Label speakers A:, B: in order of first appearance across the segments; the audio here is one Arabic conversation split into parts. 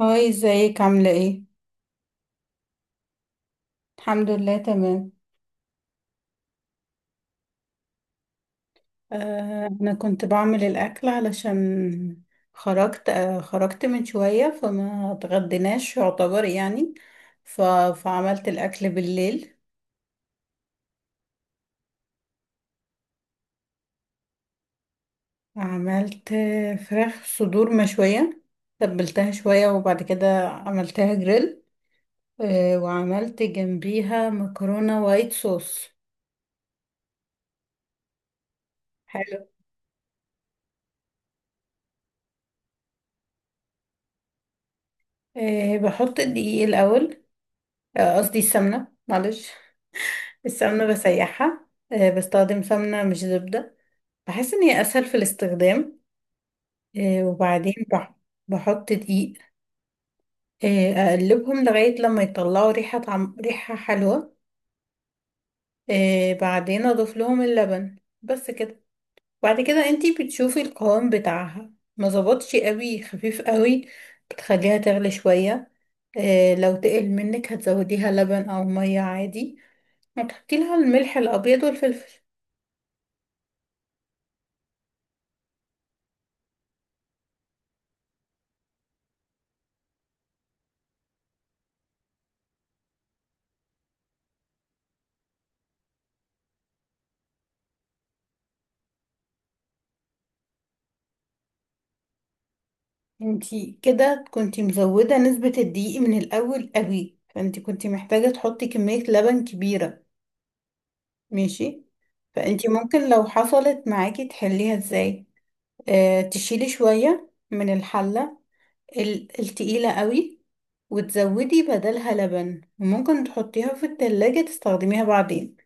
A: هاي، ازيك؟ عاملة ايه؟ الحمد لله تمام. انا كنت بعمل الاكل علشان خرجت. خرجت من شوية فما اتغديناش، يعتبر يعني. ف... فعملت الاكل بالليل. عملت فراخ صدور مشوية. تبلتها شوية وبعد كده عملتها جريل. وعملت جنبيها مكرونة وايت صوص. حلو. بحط الدقيق الاول. قصدي السمنة، معلش. السمنة بسيحها. بستخدم سمنة مش زبدة. بحس إن هي أسهل في الاستخدام. وبعدين بحط دقيق. أقلبهم لغاية لما يطلعوا ريحة، طعم ريحة حلوة. بعدين أضيف لهم اللبن. بس كده. بعد كده انتي بتشوفي القوام بتاعها ما ظبطش قوي، خفيف قوي. بتخليها تغلي شوية. لو تقل منك هتزوديها لبن أو مية عادي، وتحطي لها الملح الأبيض والفلفل. انتي كده كنتي مزودة نسبة الدقيق من الأول قوي، فانتي كنتي محتاجة تحطي كمية لبن كبيرة. ماشي. فانتي ممكن لو حصلت معاكي تحليها ازاي؟ اه، تشيلي شوية من الحلة التقيلة قوي، وتزودي بدلها لبن، وممكن تحطيها في التلاجة تستخدميها بعدين.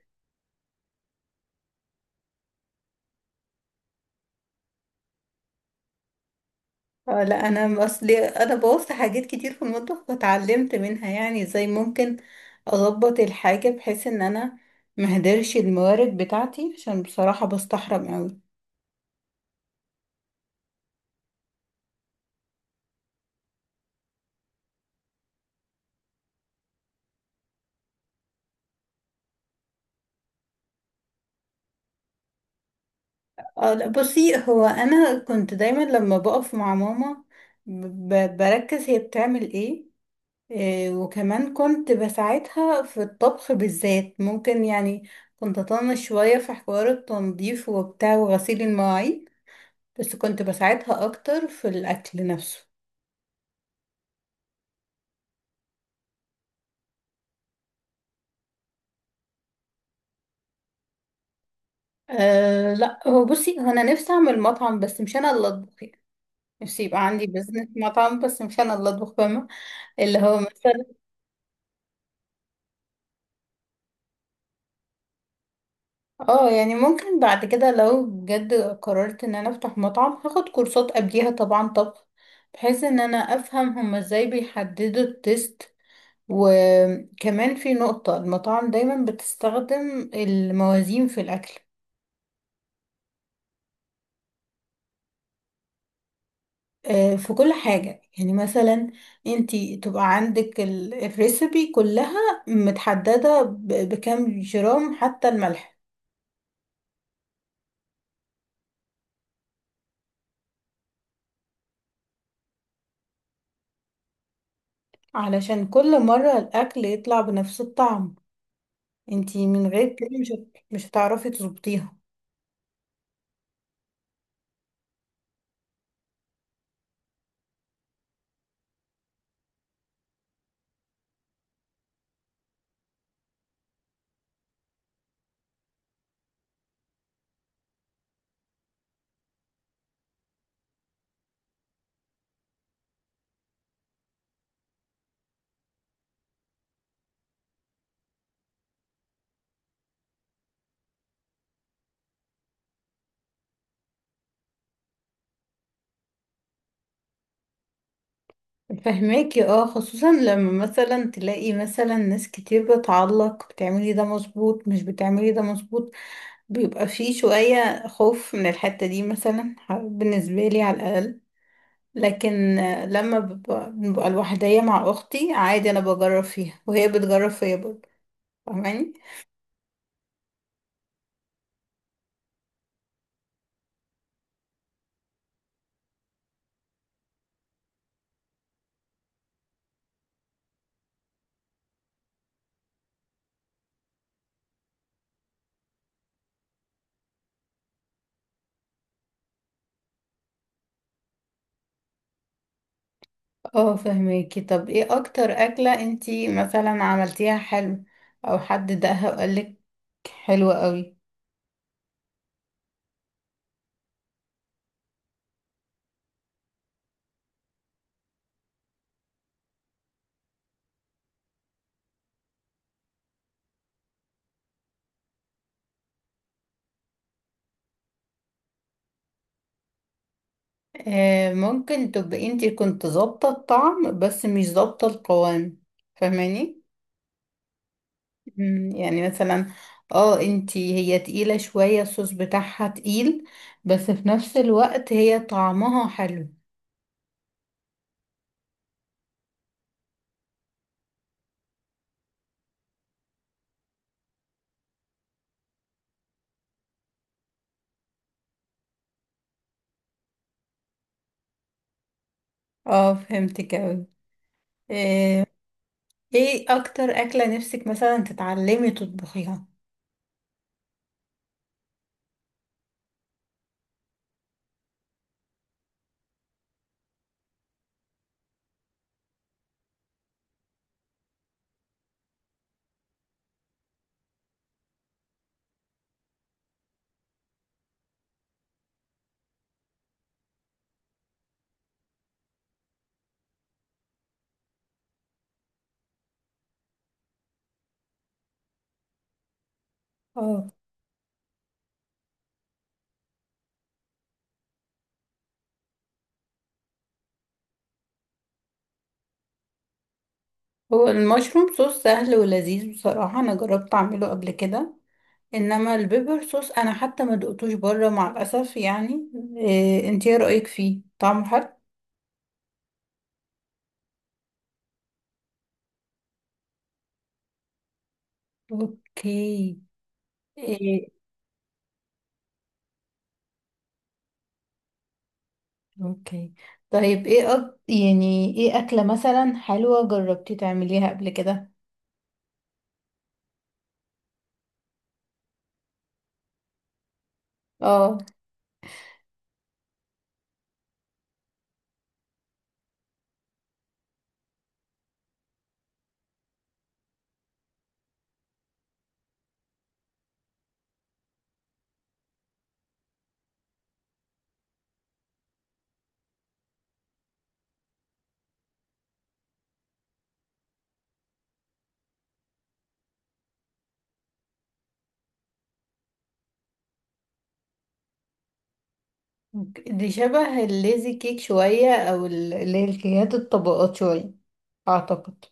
A: اه لا، انا اصلي انا بوظت حاجات كتير في المطبخ واتعلمت منها، يعني ازاي ممكن اظبط الحاجه بحيث ان انا مهدرش الموارد بتاعتي، عشان بصراحه بستحرم قوي. اه لا، بصي، هو انا كنت دايما لما بقف مع ماما بركز هي بتعمل ايه. وكمان كنت بساعدها في الطبخ، بالذات ممكن يعني كنت اطنش شويه في حوار التنظيف وبتاع وغسيل المواعين، بس كنت بساعدها اكتر في الاكل نفسه. أه لا، هو بصي، هو انا نفسي اعمل مطعم بس مش انا اللي اطبخ يعني. نفسي يبقى عندي بزنس مطعم بس مش انا اللي اطبخ، فاهمه؟ اللي هو مثلا، اه يعني ممكن بعد كده لو بجد قررت ان انا افتح مطعم هاخد كورسات قبليها طبعا طبخ، بحيث ان انا افهم هما ازاي بيحددوا التست. وكمان في نقطة، المطاعم دايما بتستخدم الموازين في الاكل. في كل حاجة، يعني مثلا انتي تبقى عندك الريسبي كلها متحددة بكام جرام، حتى الملح. علشان كل مرة الأكل يطلع بنفس الطعم، انتي من غير كده مش هتعرفي تظبطيها. فهماكي؟ اه، خصوصا لما مثلا تلاقي مثلا ناس كتير بتعلق بتعملي ده مظبوط مش بتعملي ده مظبوط، بيبقى فيه شوية خوف من الحتة دي، مثلا بالنسبة لي على الأقل. لكن لما ببقى لوحدية مع أختي عادي، أنا بجرب فيها وهي بتجرب فيا برضه. فاهماني؟ اه فهماكي. طب ايه أكتر أكلة انتي مثلا عملتيها حلو أو حد دقها وقالك حلوة قوي؟ آه، ممكن تبقي انتي كنت ظابطة الطعم بس مش ظابطة القوام، فاهماني؟ يعني مثلا اه، انتي هي تقيلة شوية، الصوص بتاعها تقيل، بس في نفس الوقت هي طعمها حلو. اه فهمتك اوي. آه، ايه اكتر اكلة نفسك مثلا تتعلمي تطبخيها؟ اه، هو المشروم صوص سهل ولذيذ بصراحة، انا جربت اعمله قبل كده. انما البيبر صوص انا حتى ما دقتوش بره مع الاسف يعني. إيه، انت ايه رأيك فيه؟ طعمه حلو؟ اوكي. إيه. اوكي، طيب ايه يعني ايه اكلة مثلا حلوة جربتي تعمليها قبل كده؟ اه، دي شبه الليزي كيك شوية، او اللي هي الكيكات الطبقات شوية، اعتقد.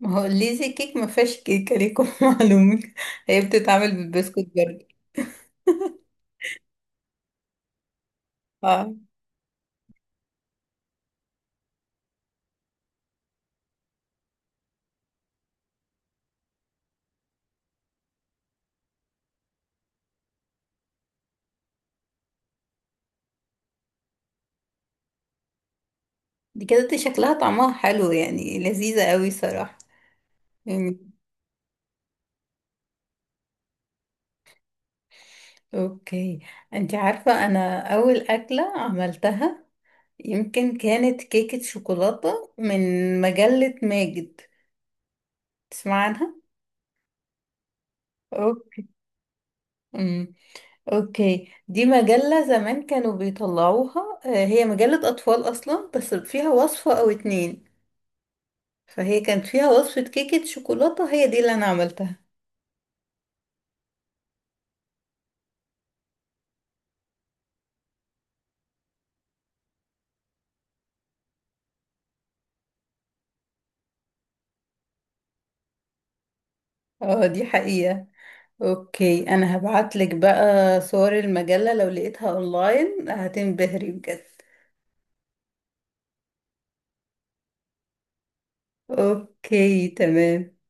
A: ما هو ليزي كيك ما فيهاش كيكه، ليكم معلومه، هي بتتعمل بالبسكوت برضه. اه. دي كده دي شكلها طعمها حلو يعني، لذيذه قوي صراحه يعني. اوكي. انت عارفه انا اول اكله عملتها يمكن كانت كيكه شوكولاته من مجله ماجد. تسمع عنها؟ اوكي. امم اوكي، دي مجله زمان كانوا بيطلعوها، هي مجله اطفال اصلا بس فيها وصفه او اتنين، فهي كانت فيها وصفة كيكة شوكولاتة، هي دي اللي أنا عملتها. اه دي حقيقة. اوكي، أنا هبعتلك بقى صور المجلة، لو لقيتها اونلاين هتنبهري بجد. اوكي تمام.